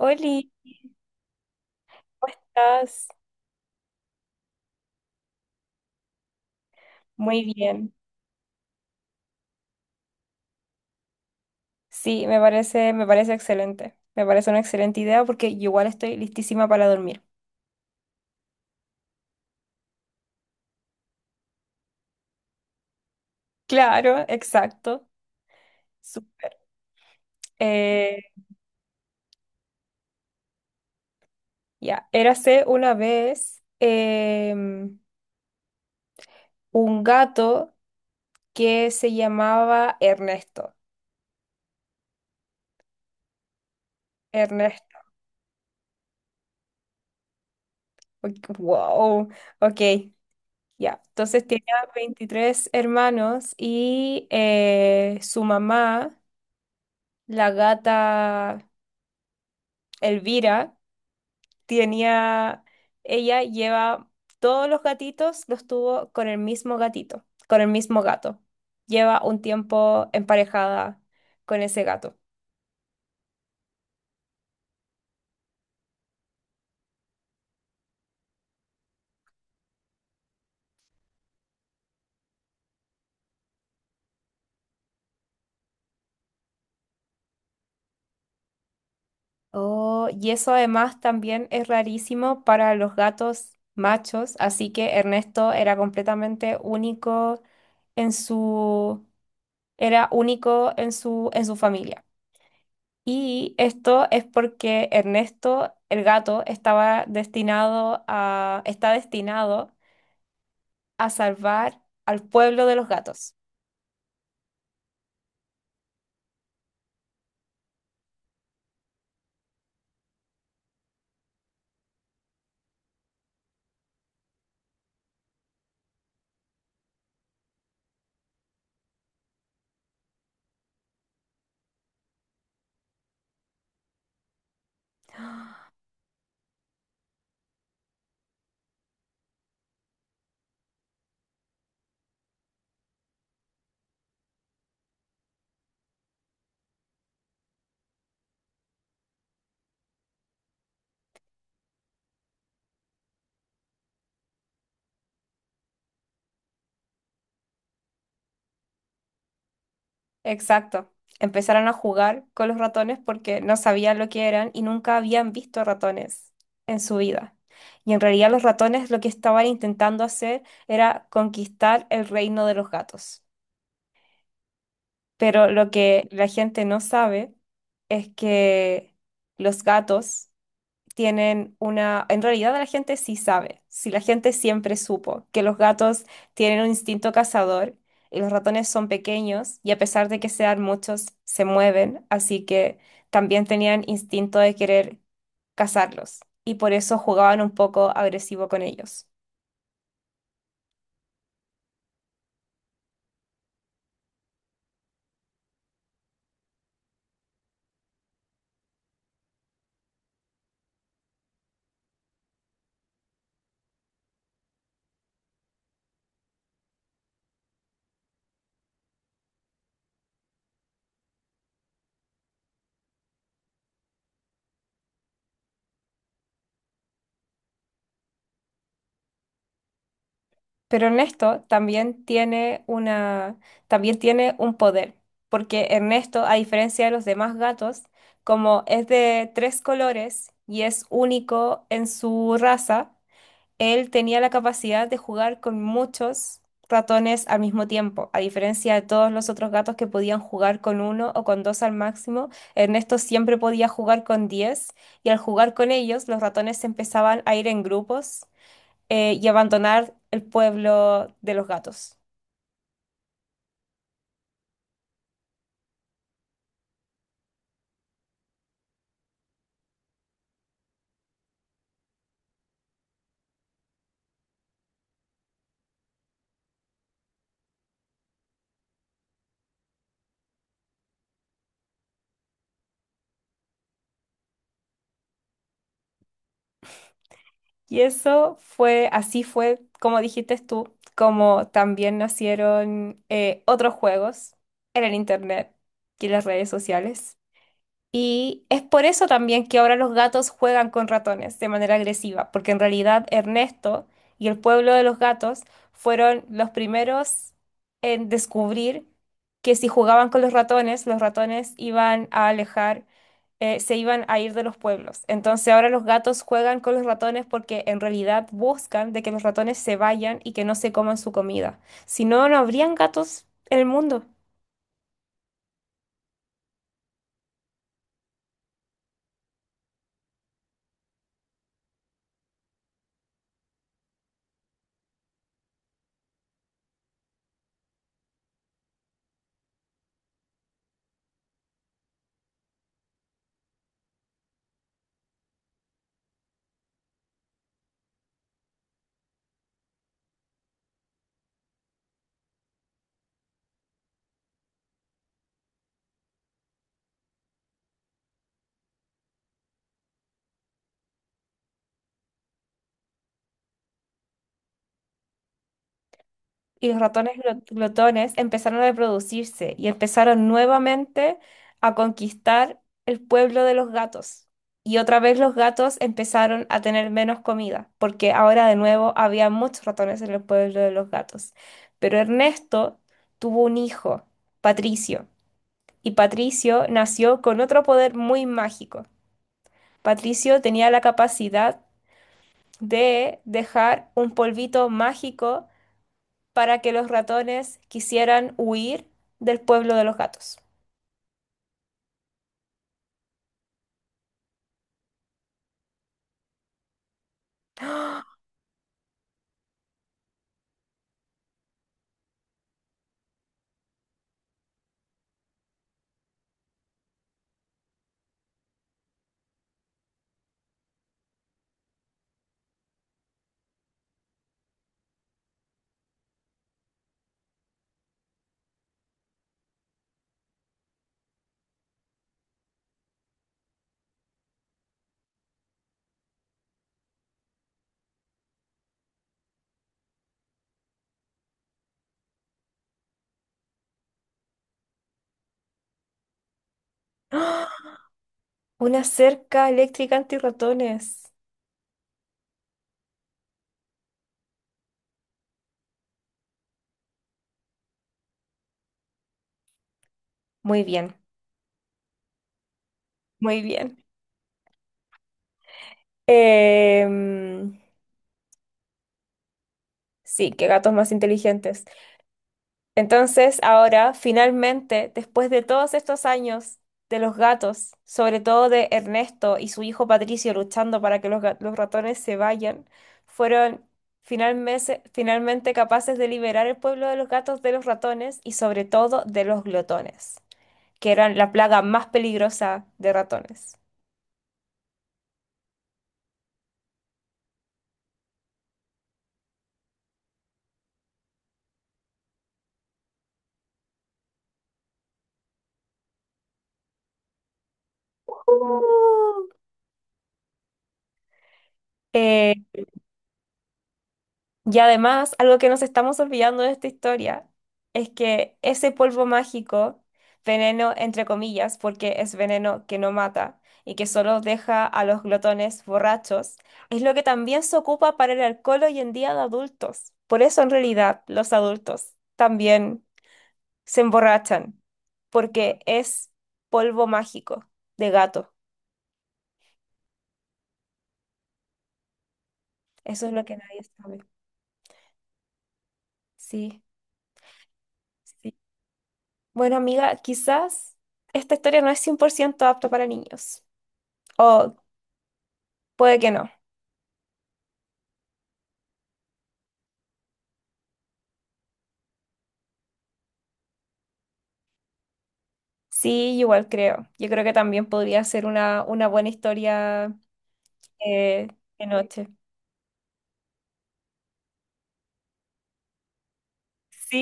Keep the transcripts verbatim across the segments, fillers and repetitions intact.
Oli, ¿cómo estás? Muy bien. Sí, me parece, me parece excelente. Me parece una excelente idea porque yo igual estoy listísima para dormir. Claro, exacto. Súper. Eh, ya, Érase una vez em, un gato que se llamaba Ernesto. Ernesto. Ok, wow. Ok, ya. Entonces tenía veintitrés hermanos y eh, su mamá, la gata Elvira, tenía, ella lleva todos los gatitos, los tuvo con el mismo gatito, con el mismo gato. Lleva un tiempo emparejada con ese gato. Oh, y eso además también es rarísimo para los gatos machos, así que Ernesto era completamente único en su, era único en su, en su familia. Y esto es porque Ernesto, el gato, estaba destinado a, está destinado a salvar al pueblo de los gatos. Exacto. Empezaron a jugar con los ratones porque no sabían lo que eran y nunca habían visto ratones en su vida. Y en realidad los ratones lo que estaban intentando hacer era conquistar el reino de los gatos. Pero lo que la gente no sabe es que los gatos tienen una... En realidad la gente sí sabe, si la gente siempre supo que los gatos tienen un instinto cazador y los ratones son pequeños y a pesar de que sean muchos, se mueven, así que también tenían instinto de querer cazarlos y por eso jugaban un poco agresivo con ellos. Pero Ernesto también tiene una, también tiene un poder, porque Ernesto, a diferencia de los demás gatos, como es de tres colores y es único en su raza, él tenía la capacidad de jugar con muchos ratones al mismo tiempo. A diferencia de todos los otros gatos que podían jugar con uno o con dos al máximo, Ernesto siempre podía jugar con diez, y al jugar con ellos, los ratones empezaban a ir en grupos eh, y abandonar el pueblo de los gatos. Y eso fue, así fue, como dijiste tú, como también nacieron eh, otros juegos en el internet y en las redes sociales. Y es por eso también que ahora los gatos juegan con ratones de manera agresiva, porque en realidad Ernesto y el pueblo de los gatos fueron los primeros en descubrir que si jugaban con los ratones, los ratones iban a alejar, eh, se iban a ir de los pueblos. Entonces ahora los gatos juegan con los ratones porque en realidad buscan de que los ratones se vayan y que no se coman su comida. Si no, no habrían gatos en el mundo. Y los ratones glo- glotones empezaron a reproducirse y empezaron nuevamente a conquistar el pueblo de los gatos. Y otra vez los gatos empezaron a tener menos comida, porque ahora de nuevo había muchos ratones en el pueblo de los gatos. Pero Ernesto tuvo un hijo, Patricio, y Patricio nació con otro poder muy mágico. Patricio tenía la capacidad de dejar un polvito mágico para que los ratones quisieran huir del pueblo de los gatos. ¡Ah! Una cerca eléctrica antirratones. Muy bien, muy bien. Em, sí, qué gatos más inteligentes. Entonces, ahora, finalmente, después de todos estos años de los gatos, sobre todo de Ernesto y su hijo Patricio luchando para que los, ga- los ratones se vayan, fueron finalmente, finalmente capaces de liberar el pueblo de los gatos de los ratones y sobre todo de los glotones, que eran la plaga más peligrosa de ratones. Oh. Y además, algo que nos estamos olvidando de esta historia es que ese polvo mágico, veneno entre comillas, porque es veneno que no mata y que solo deja a los glotones borrachos, es lo que también se ocupa para el alcohol hoy en día de adultos. Por eso en realidad los adultos también se emborrachan, porque es polvo mágico de gato. Eso es lo que nadie sabe. Sí, sí. Bueno, amiga, quizás esta historia no es cien por ciento apta para niños. O puede que no. Sí, igual creo. Yo creo que también podría ser una, una buena historia eh, de noche. Sí,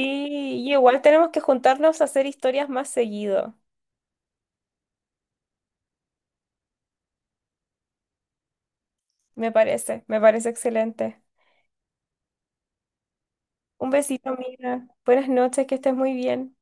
y igual tenemos que juntarnos a hacer historias más seguido. Me parece, me parece excelente. Un besito, amiga. Buenas noches, que estés muy bien.